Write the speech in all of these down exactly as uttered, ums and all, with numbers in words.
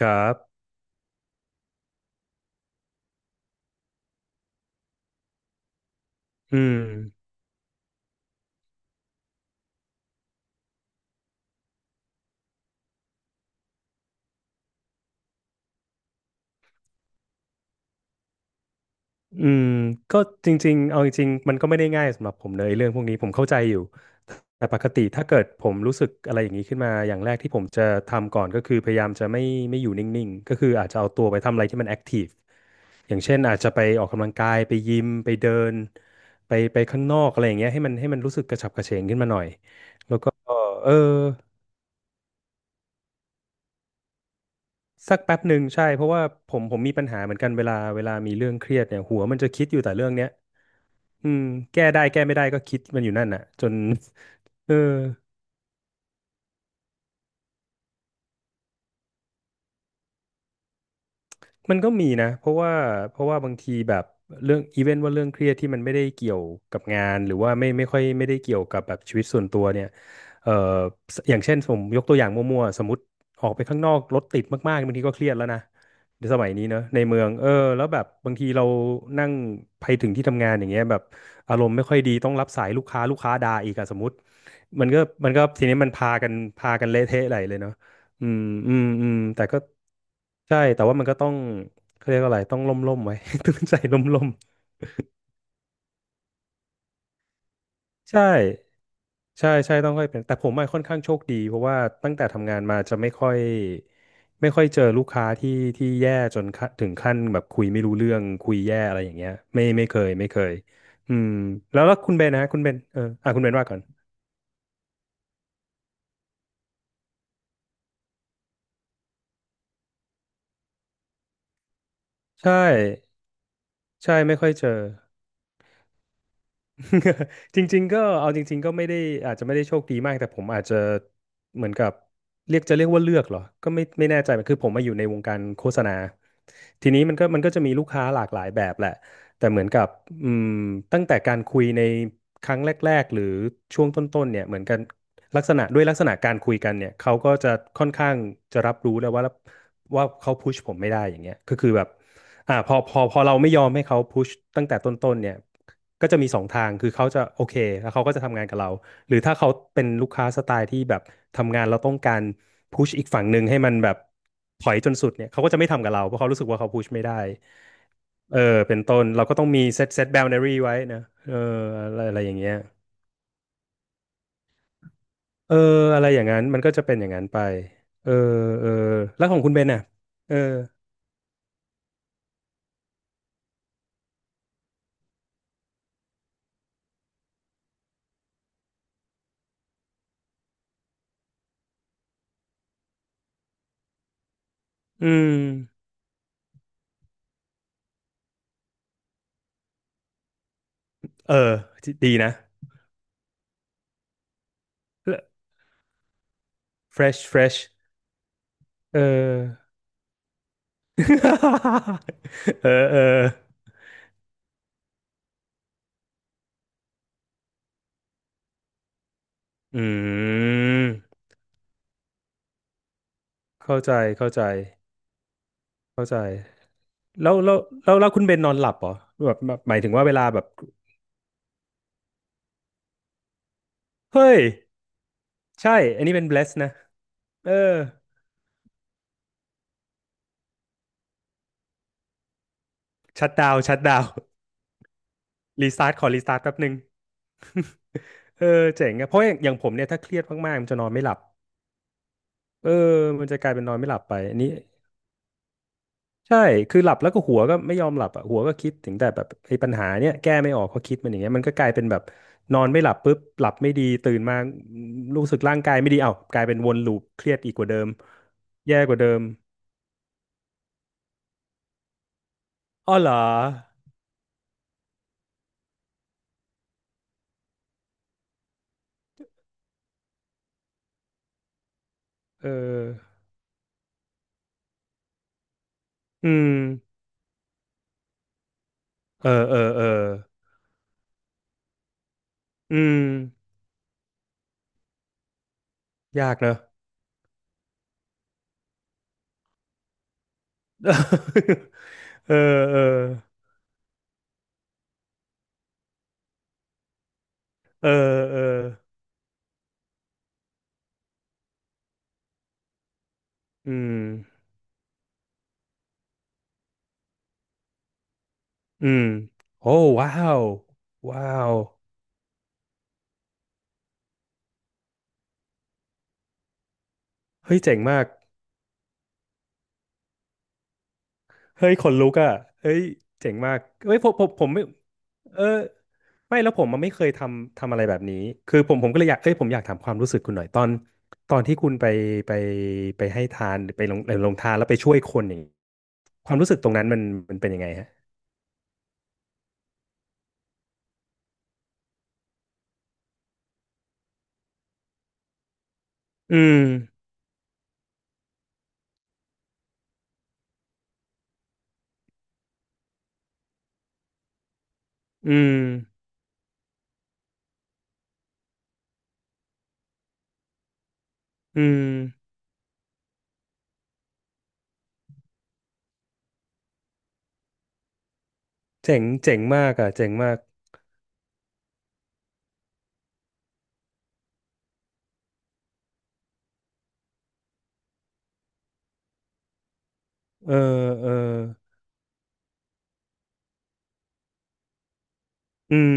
ครับอืมอืมก็จริงๆ เอาจริงๆ มันก็ไม่ได้ง่ายสำหรับผมเลยเรื่องพวกนี้ผมเข้าใจอยู่ แต่ปกติถ้าเกิดผมรู้สึกอะไรอย่างนี้ขึ้นมาอย่างแรกที่ผมจะทำก่อนก็คือพยายามจะไม่ไม่อยู่นิ่งๆ ก็คืออาจจะเอาตัวไปทำอะไรที่มันแอคทีฟอย่างเช่นอาจจะไปออกกำลังกายไปยิมไปเดินไปไปข้างนอกอะไรอย่างเงี้ยให้มันให้มันรู้สึกกระฉับกระเฉงขึ้นมาหน่อยแล้วก็เออสักแป๊บหนึ่งใช่เพราะว่าผมผมมีปัญหาเหมือนกันเวลาเวลามีเรื่องเครียดเนี่ยหัวมันจะคิดอยู่แต่เรื่องเนี้ย อืมแก้ได้แก้ไม่ได้ก็คิดมันอยู่นั่นน่ะจน เออ มันก็มีนะเพราะว่าเพราะว่าบางทีแบบเรื่องอีเวนต์ว่าเรื่องเครียดที่มันไม่ได้เกี่ยวกับงานหรือว่าไม่ไม่ค่อยไม่ได้เกี่ยวกับแบบชีวิตส่วนตัวเนี่ยเอ่อสอย่างเช่นผมยกตัวอย่างมั่วๆสมมติออกไปข้างนอกรถติดมากๆบางทีก็เครียดแล้วนะในสมัยนี้เนอะในเมืองเออแล้วแบบบางทีเรานั่งไปถึงที่ทำงานอย่างเงี้ยแบบอารมณ์ไม่ค่อยดีต้องรับสายลูกค้าลูกค้าด่าอีกอะสมมติมันก็มันก็ทีนี้มันพากันพากันเละเทะไหลเลยเนอะ อืมอืมอืมแต่ก็ใช่แต่ว่ามันก็ต้องเขาเรียกว่าอะไรต้องล่มลมไว้ ต้องใจล่มล่มๆใช่ใช่ใช่ต้องค่อยเป็นแต่ผมอะค่อนข้างโชคดีเพราะว่าตั้งแต่ทำงานมาจะไม่ค่อยไม่ค่อยเจอลูกค้าที่ที่แย่จนขั้นถึงขั้นแบบคุยไม่รู้เรื่องคุยแย่อะไรอย่างเงี้ยไม่ไม่เคยไม่เคยอืมแล้วแล้วคุณเบนนะคุณเบนเอออ่ะคุณเบนว่าก่อนใช่ใช่ไม่ค่อยเจอ จริงๆก็เอาจริงๆก็ไม่ได้อาจจะไม่ได้โชคดีมากแต่ผมอาจจะเหมือนกับเรียกจะเรียกว่าเลือกเหรอก็ไม่ไม่แน่ใจคือผมมาอยู่ในวงการโฆษณาทีนี้มันก็มันก็จะมีลูกค้าหลากหลายแบบแหละแต่เหมือนกับอืมตั้งแต่การคุยในครั้งแรกๆหรือช่วงต้นๆเนี่ยเหมือนกันลักษณะด้วยลักษณะการคุยกันเนี่ยเขาก็จะค่อนข้างจะรับรู้แล้วว่าว่าเขาพุชผมไม่ได้อย่างเงี้ยก็คือแบบ อ่าพอพอพอเราไม่ยอมให้เขาพุชตั้งแต่ต้นๆเนี่ยก็จะมีสองทางคือเขาจะโอเคแล้วเขาก็จะทำงานกับเราหรือถ้าเขาเป็นลูกค้าสไตล์ที่แบบทำงานเราต้องการพุชอีกฝั่งหนึ่งให้มันแบบถอยจนสุดเนี่ยเขาก็จะไม่ทำกับเราเพราะเขารู้สึกว่าเขาพุชไม่ได้เออเป็นต้นเราก็ต้องมีเซตเซตบาวนารีไว้นะเอออะไรอะไรอย่างเงี้ยเอออะไรอย่างนั้นมันก็จะเป็นอย่างนั้นไปเออเออแล้วของคุณเบนอ่ะเอออืมเออดีนะ fresh fresh เออ เออเอออืม เข้าใจ เข้าใจ เข้าใจ แล้วแล้วแล้วแล้วคุณเบนนอนหลับเหรอแบบแบบหมายถึงว่าเวลาแบบ เฮ้ย ใช่ อันนี้เป็น bless นะ เออ ชัดดาว ชัดดาวรีสตาร์ท ขอรีสตาร์ทแป๊บหนึ่ง เออ เจ๋งอะเพราะอย่างอย่างผมเนี่ยถ้าเครียดมากๆมันจะนอนไม่หลับ เออ มันจะกลายเป็นนอนไม่หลับไปอันนี้ ใช่คือหลับแล้วก็หัวก็ไม่ยอมหลับอ่ะหัวก็คิดถึงแต่แบบไอ้ปัญหาเนี้ยแก้ไม่ออกก็คิดมันอย่างเงี้ยมันก็กลายเป็นแบบนอนไม่หลับปุ๊บหลับไม่ดีตื่นมารู้สึกร่างกายไม่ดีเอ้ากลายเป็นวนลูปเครียดอีกกว่าเดิมแย่กว่าเดิมอ้อเหรอเอออืมเออเออเอออืมยากเนอะ เออเออเออเอออืมอืมโอ้ว้าวว้าวเฮ้ยเจ๋งมาก เฮ้ยขนลุกอ่ะเฮ้ยเจ๋งมากเฮ้ยผมผมผมไม่เออไม่แล้วผมมันไม่เคยทำทำอะไรแบบนี้คือผมผมก็เลยอยากเอ้ยผมอยากถามความรู้สึกคุณหน่อยตอนตอนที่คุณไปไปไปให้ทานไปลงเอ่อลงทานแล้วไปช่วยคนอย่างนี้ความรู้สึกตรงนั้นมันมันเป็นยังไงฮะอืมอืมอืมเจ๋งเจ๋งมากอ่ะเจ๋งมากเออเอออืม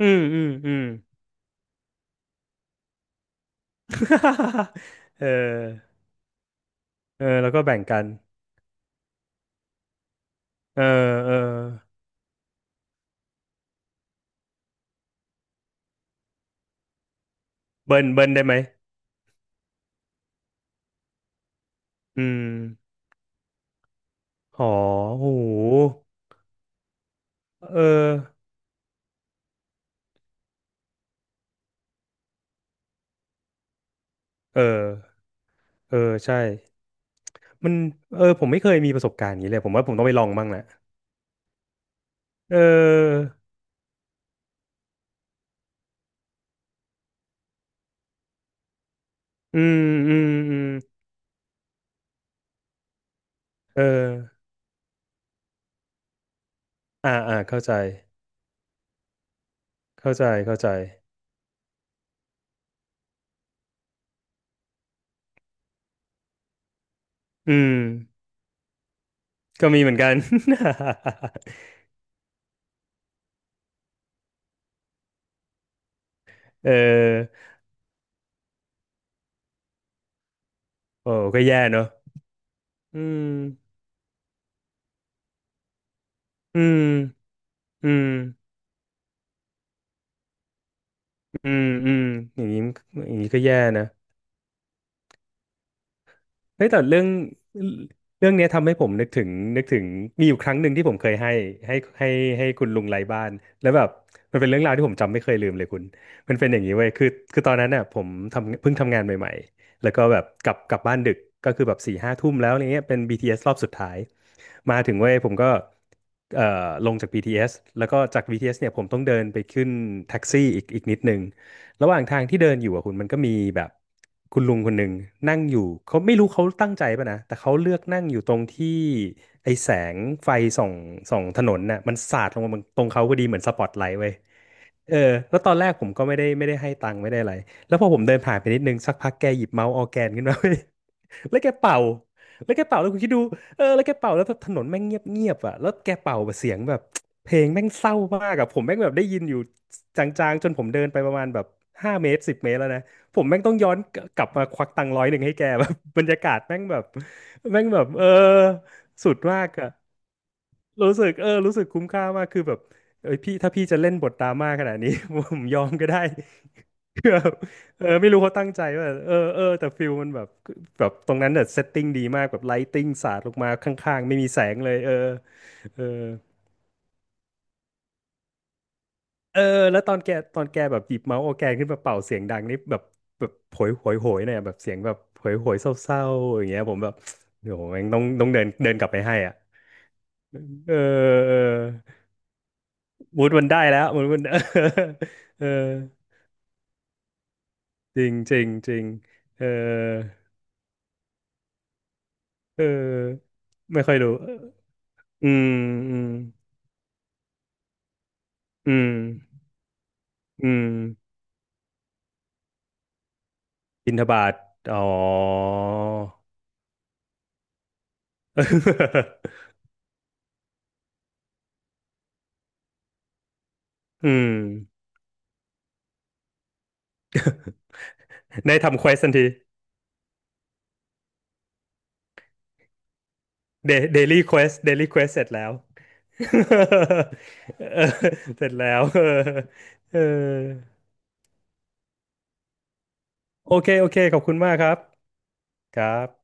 อืมอืมอืม เออเออแล้วก็แบ่งกันเออเออ เบิ้นเบิร์นได้ไหมอืมอ๋อโหเออเออเออใช่ มัน เออผมไม่เคยมีประสบการณ์อย่างนี้เลยผมว่าผมต้องไปลองบ้างแหละเอออืมอืมอืมเอออ่าอ่าเข้าใจ เข้าใจเข้าใจอืมก็มีเหมือนกัน เออโอ้ก็แย่เนอะอืมอืมอืมอืมอืมอย่างนี้มันอย่างนี้ก็แย่นะ เฮ้ยแต่เรื่องเรื่องเนี้ยทำให้ผมนึกถึงนึกถึงมีอยู่ครั้งหนึ่งที่ผมเคยให้ให้ให้ให้คุณลุงไร้บ้านแล้วแบบมันเป็นเรื่องราวที่ผมจำไม่เคยลืมเลยคุณมันเป็นอย่างนี้เว้ยคือคือตอนนั้นน่ะผมทำเพิ่งทำงานใหม่ๆแล้วก็แบบกลับกลับบ้านดึกก็คือแบบสี่ห้าทุ่มแล้วอะไรเงี้ยเป็น บี ที เอส รอบสุดท้ายมาถึงเว้ยผมก็เอ่อลงจาก บี ที เอส แล้วก็จาก บี ที เอส เอสเนี่ยผมต้องเดินไปขึ้นแท็กซี่อีกอีกนิดนึง ระหว่างทางที่เดินอยู่อะคุณมันก็มีแบบคุณลุงคนหนึ่งนั่งอยู่เขาไม่รู้เขาตั้งใจป่ะนะแต่เขาเลือกนั่งอยู่ตรงที่ไอแสงไฟส่องส่องถนนน่ะมันสาดลงมาตรงเขาพอดีเหมือนสปอตไลท์เว้ยเออแล้วตอนแรกผมก็ไม่ได้ไม่ได้ให้ตังค์ไม่ได้อะไรแล้วพอผมเดินผ่านไปนิดนึงสักพักแกหยิบเมาส์ออร์แกนขึ้นมาเว้ย แล้วแกเป่า แล้วแกเป่าแล้วคุณคิดดูเออแล้วแกเป่าแล้วแบบถนนแม่งเงียบเงียบอ่ะแล้วแกเป่าแบบเสียงแบบเพลงแม่งเศร้ามากอ่ะผมแม่งแบบได้ยินอยู่จางๆจนผมเดินไปประมาณแบบห้าเมตรสิบเมตรแล้วนะ ผมแม่งต้องย้อนกลับมาควักตังค์ร้อยหนึ่งให้แกแบบ บรรยากาศแม่งแบบแม่งแบบเออสุดมากอ่ะรู้สึกเออรู้สึกคุ้มค่ามากคือแบบเอ้ยพี่ถ้าพี่จะเล่นบทดราม่าขนาดนี้ ผมยอมก็ได้ เออไม่รู้เขาตั้งใจว่าเออเออแต่ฟิลมันแบบแบบตรงนั้นเนี่ยเซตติ้งดีมากแบบไลท์ติ้งสาดลงมาข้างๆไม่มีแสงเลยเออเออเออแล้วตอนแกตอนแกแบบหยิบเมาส์ออร์แกนขึ้นมาเป่าเสียงดังนี่แบบแบบโหยโหยโหยเนี่ยแบบเสียงแบบโหยโหยเศร้าๆอย่างเงี้ยผมแบบเดี๋ยวแม่งต้องต้องเดินเดินกลับไปให้อ่ะเออเออมูดมันได้แล้วมูดมัน เออ เออจริงจริงจริงเออเออไม่ค่อยรู้อืมอืม อืมอืมบิณฑบาตอ๋อ อืมได้ทำเควสทันทีเดเดลี่เควสเดลี่เควสเสร็จแล้ว เออเสร็จแล้ว เออเออโอเคโอเคขอบคุณมากครับครับ